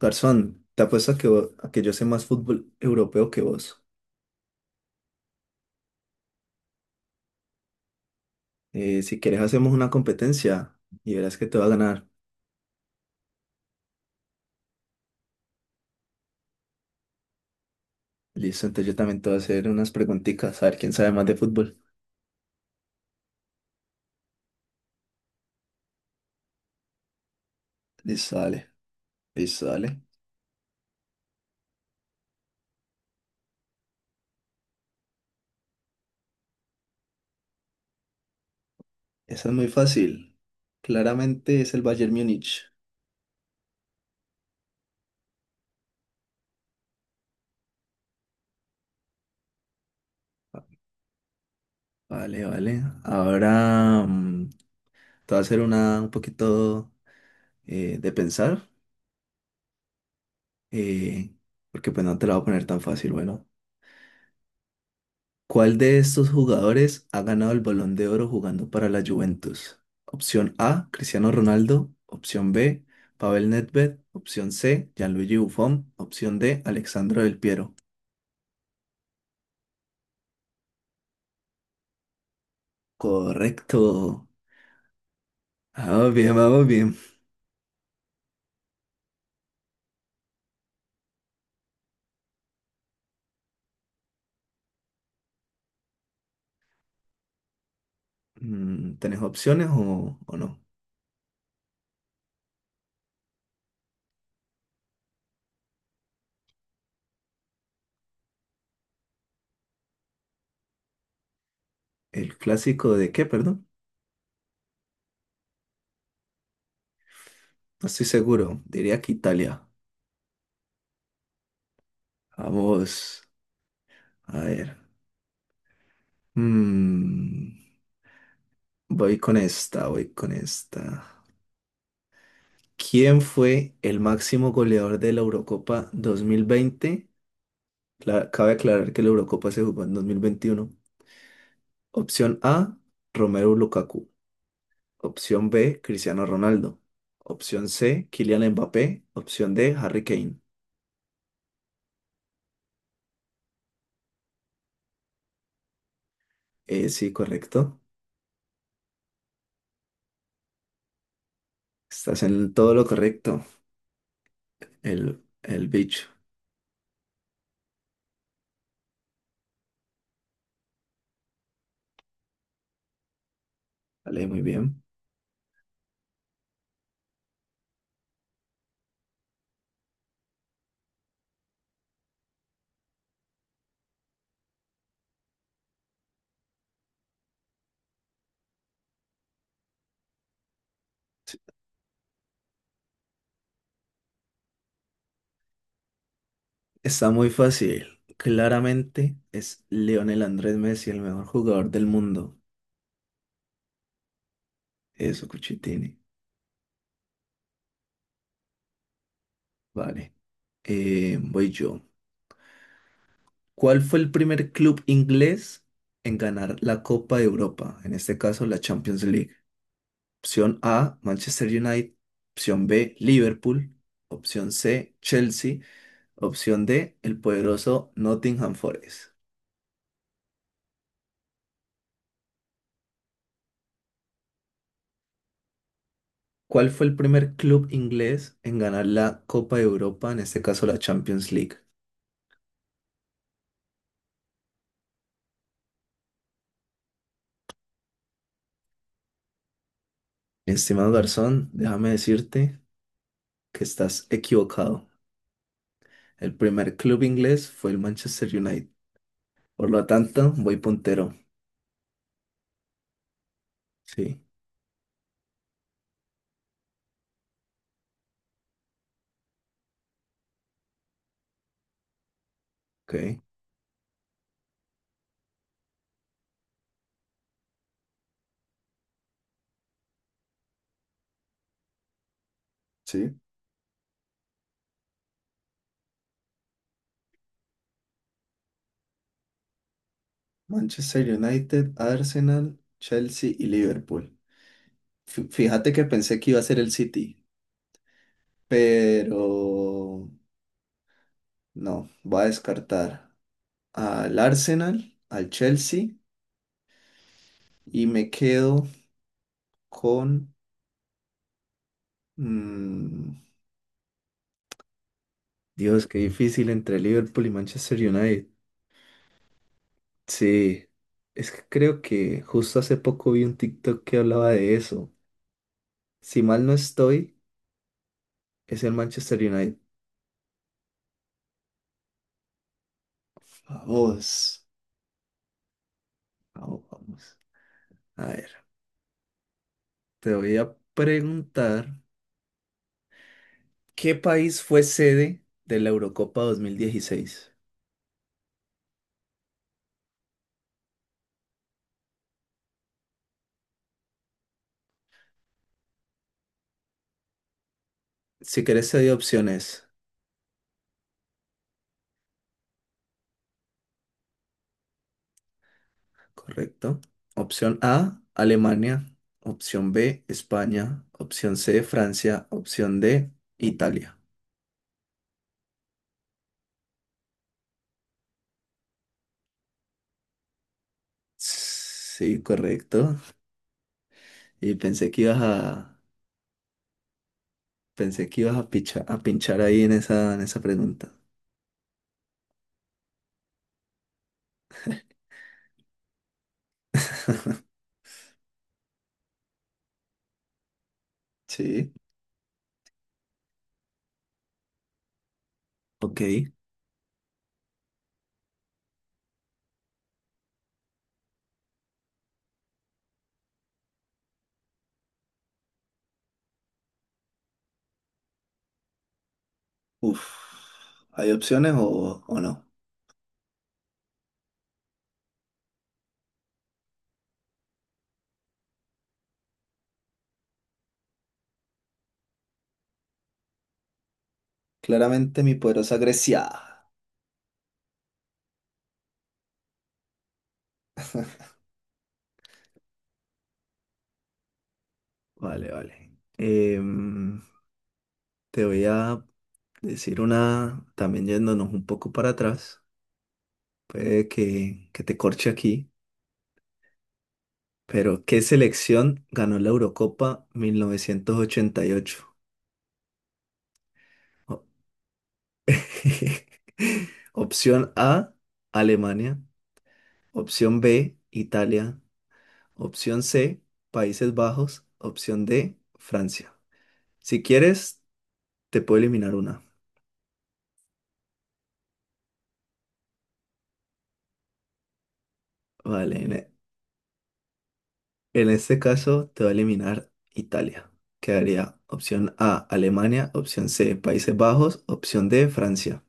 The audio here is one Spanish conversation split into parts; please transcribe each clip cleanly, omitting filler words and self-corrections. Garzón, te apuesto a que, a que yo sé más fútbol europeo que vos. Si quieres hacemos una competencia y verás que te va a ganar. Listo, entonces yo también te voy a hacer unas preguntitas, a ver quién sabe más de fútbol. Listo, dale, listo, dale. Esa es muy fácil. Claramente es el Bayern Múnich. Vale, vale. Ahora te voy a hacer una un poquito de pensar, eh, porque pues no te la voy a poner tan fácil, bueno. ¿Cuál de estos jugadores ha ganado el Balón de Oro jugando para la Juventus? Opción A, Cristiano Ronaldo. Opción B, Pavel Nedved. Opción C, Gianluigi Buffon. Opción D, Alexandro Del Piero. Correcto. Vamos bien, vamos bien. ¿Tenés opciones o no? ¿El clásico de qué, perdón? No estoy seguro. Diría que Italia. Vamos. A ver. Mm, voy con esta, voy con esta. ¿Quién fue el máximo goleador de la Eurocopa 2020? Cabe aclarar que la Eurocopa se jugó en 2021. Opción A, Romelu Lukaku. Opción B, Cristiano Ronaldo. Opción C, Kylian Mbappé. Opción D, Harry Kane. Sí, correcto. Estás en todo lo correcto. El bicho. Vale, muy bien. Está muy fácil. Claramente es Lionel Andrés Messi el mejor jugador del mundo. Eso, Cuchitini. Vale. Voy yo. ¿Cuál fue el primer club inglés en ganar la Copa de Europa? En este caso, la Champions League. Opción A, Manchester United. Opción B, Liverpool. Opción C, Chelsea. Opción D, el poderoso Nottingham Forest. ¿Cuál fue el primer club inglés en ganar la Copa de Europa? En este caso, la Champions League. Estimado Garzón, déjame decirte que estás equivocado. El primer club inglés fue el Manchester United. Por lo tanto, voy puntero. Sí, ok. Sí. Manchester United, Arsenal, Chelsea y Liverpool. Fíjate que pensé que iba a ser el City, pero no, voy a descartar al Arsenal, al Chelsea y me quedo con... mm, Dios, qué difícil entre Liverpool y Manchester United. Sí, es que creo que justo hace poco vi un TikTok que hablaba de eso. Si mal no estoy, es el Manchester United. Vamos. Vamos, vamos. A ver, te voy a preguntar, ¿qué país fue sede de la Eurocopa dos mil dieciséis? Si querés, te doy opciones, ¿correcto? Opción A, Alemania. Opción B, España. Opción C, Francia. Opción D, Italia. Sí, correcto. Y pensé que ibas a, pensé que ibas a a pinchar ahí en esa pregunta. Sí, ok. Uf, ¿hay opciones o no? Claramente mi poderosa Grecia. Vale, vale. Te voy a decir una, también yéndonos un poco para atrás, que te corche aquí, pero ¿qué selección ganó la Eurocopa 1988? O- Opción A, Alemania. Opción B, Italia. Opción C, Países Bajos. Opción D, Francia. Si quieres, te puedo eliminar una. Vale, en, En este caso, te va a eliminar Italia. Quedaría opción A, Alemania, opción C, Países Bajos, opción D, Francia.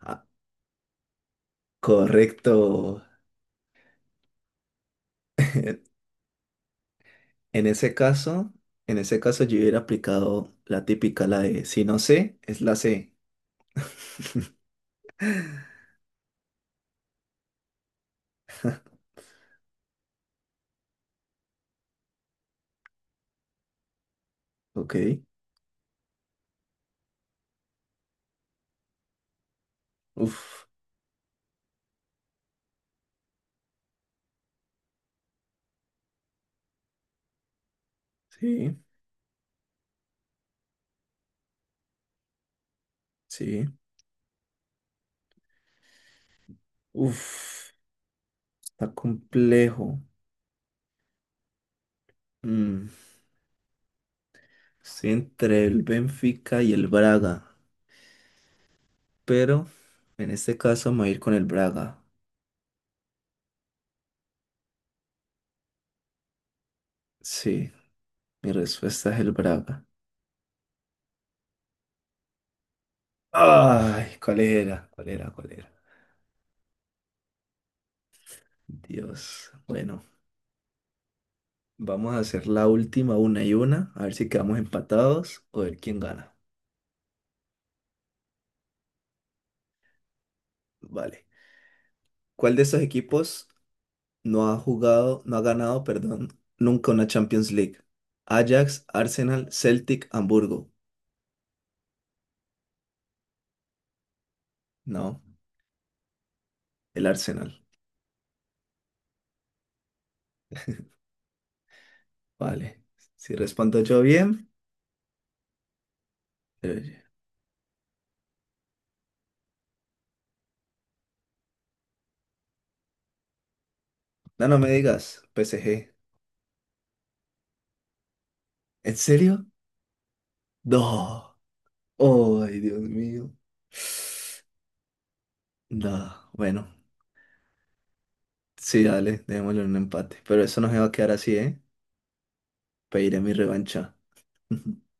Ah, correcto. En ese caso, en ese caso yo hubiera aplicado la típica, la de si no sé, es la C. Ok. Uf. Sí, sí. Uf. Está complejo. Mm, Estoy entre el Benfica y el Braga, pero en este caso me voy a ir con el Braga. Sí, mi respuesta es el Braga. Ay, ¿cuál era? ¿Cuál era? ¿Cuál era? Dios. Bueno, vamos a hacer la última una y una, a ver si quedamos empatados o ver quién gana. Vale. ¿Cuál de estos equipos no ha jugado, no ha ganado, perdón, nunca una Champions League? Ajax, Arsenal, Celtic, Hamburgo. No, el Arsenal. Vale. Si respondo yo bien, eh, no, no me digas, PSG. ¿En serio? No. Ay, Dios mío. Da, bueno, sí, dale, démosle un empate. Pero eso no se va a quedar así, ¿eh? Pediré mi revancha.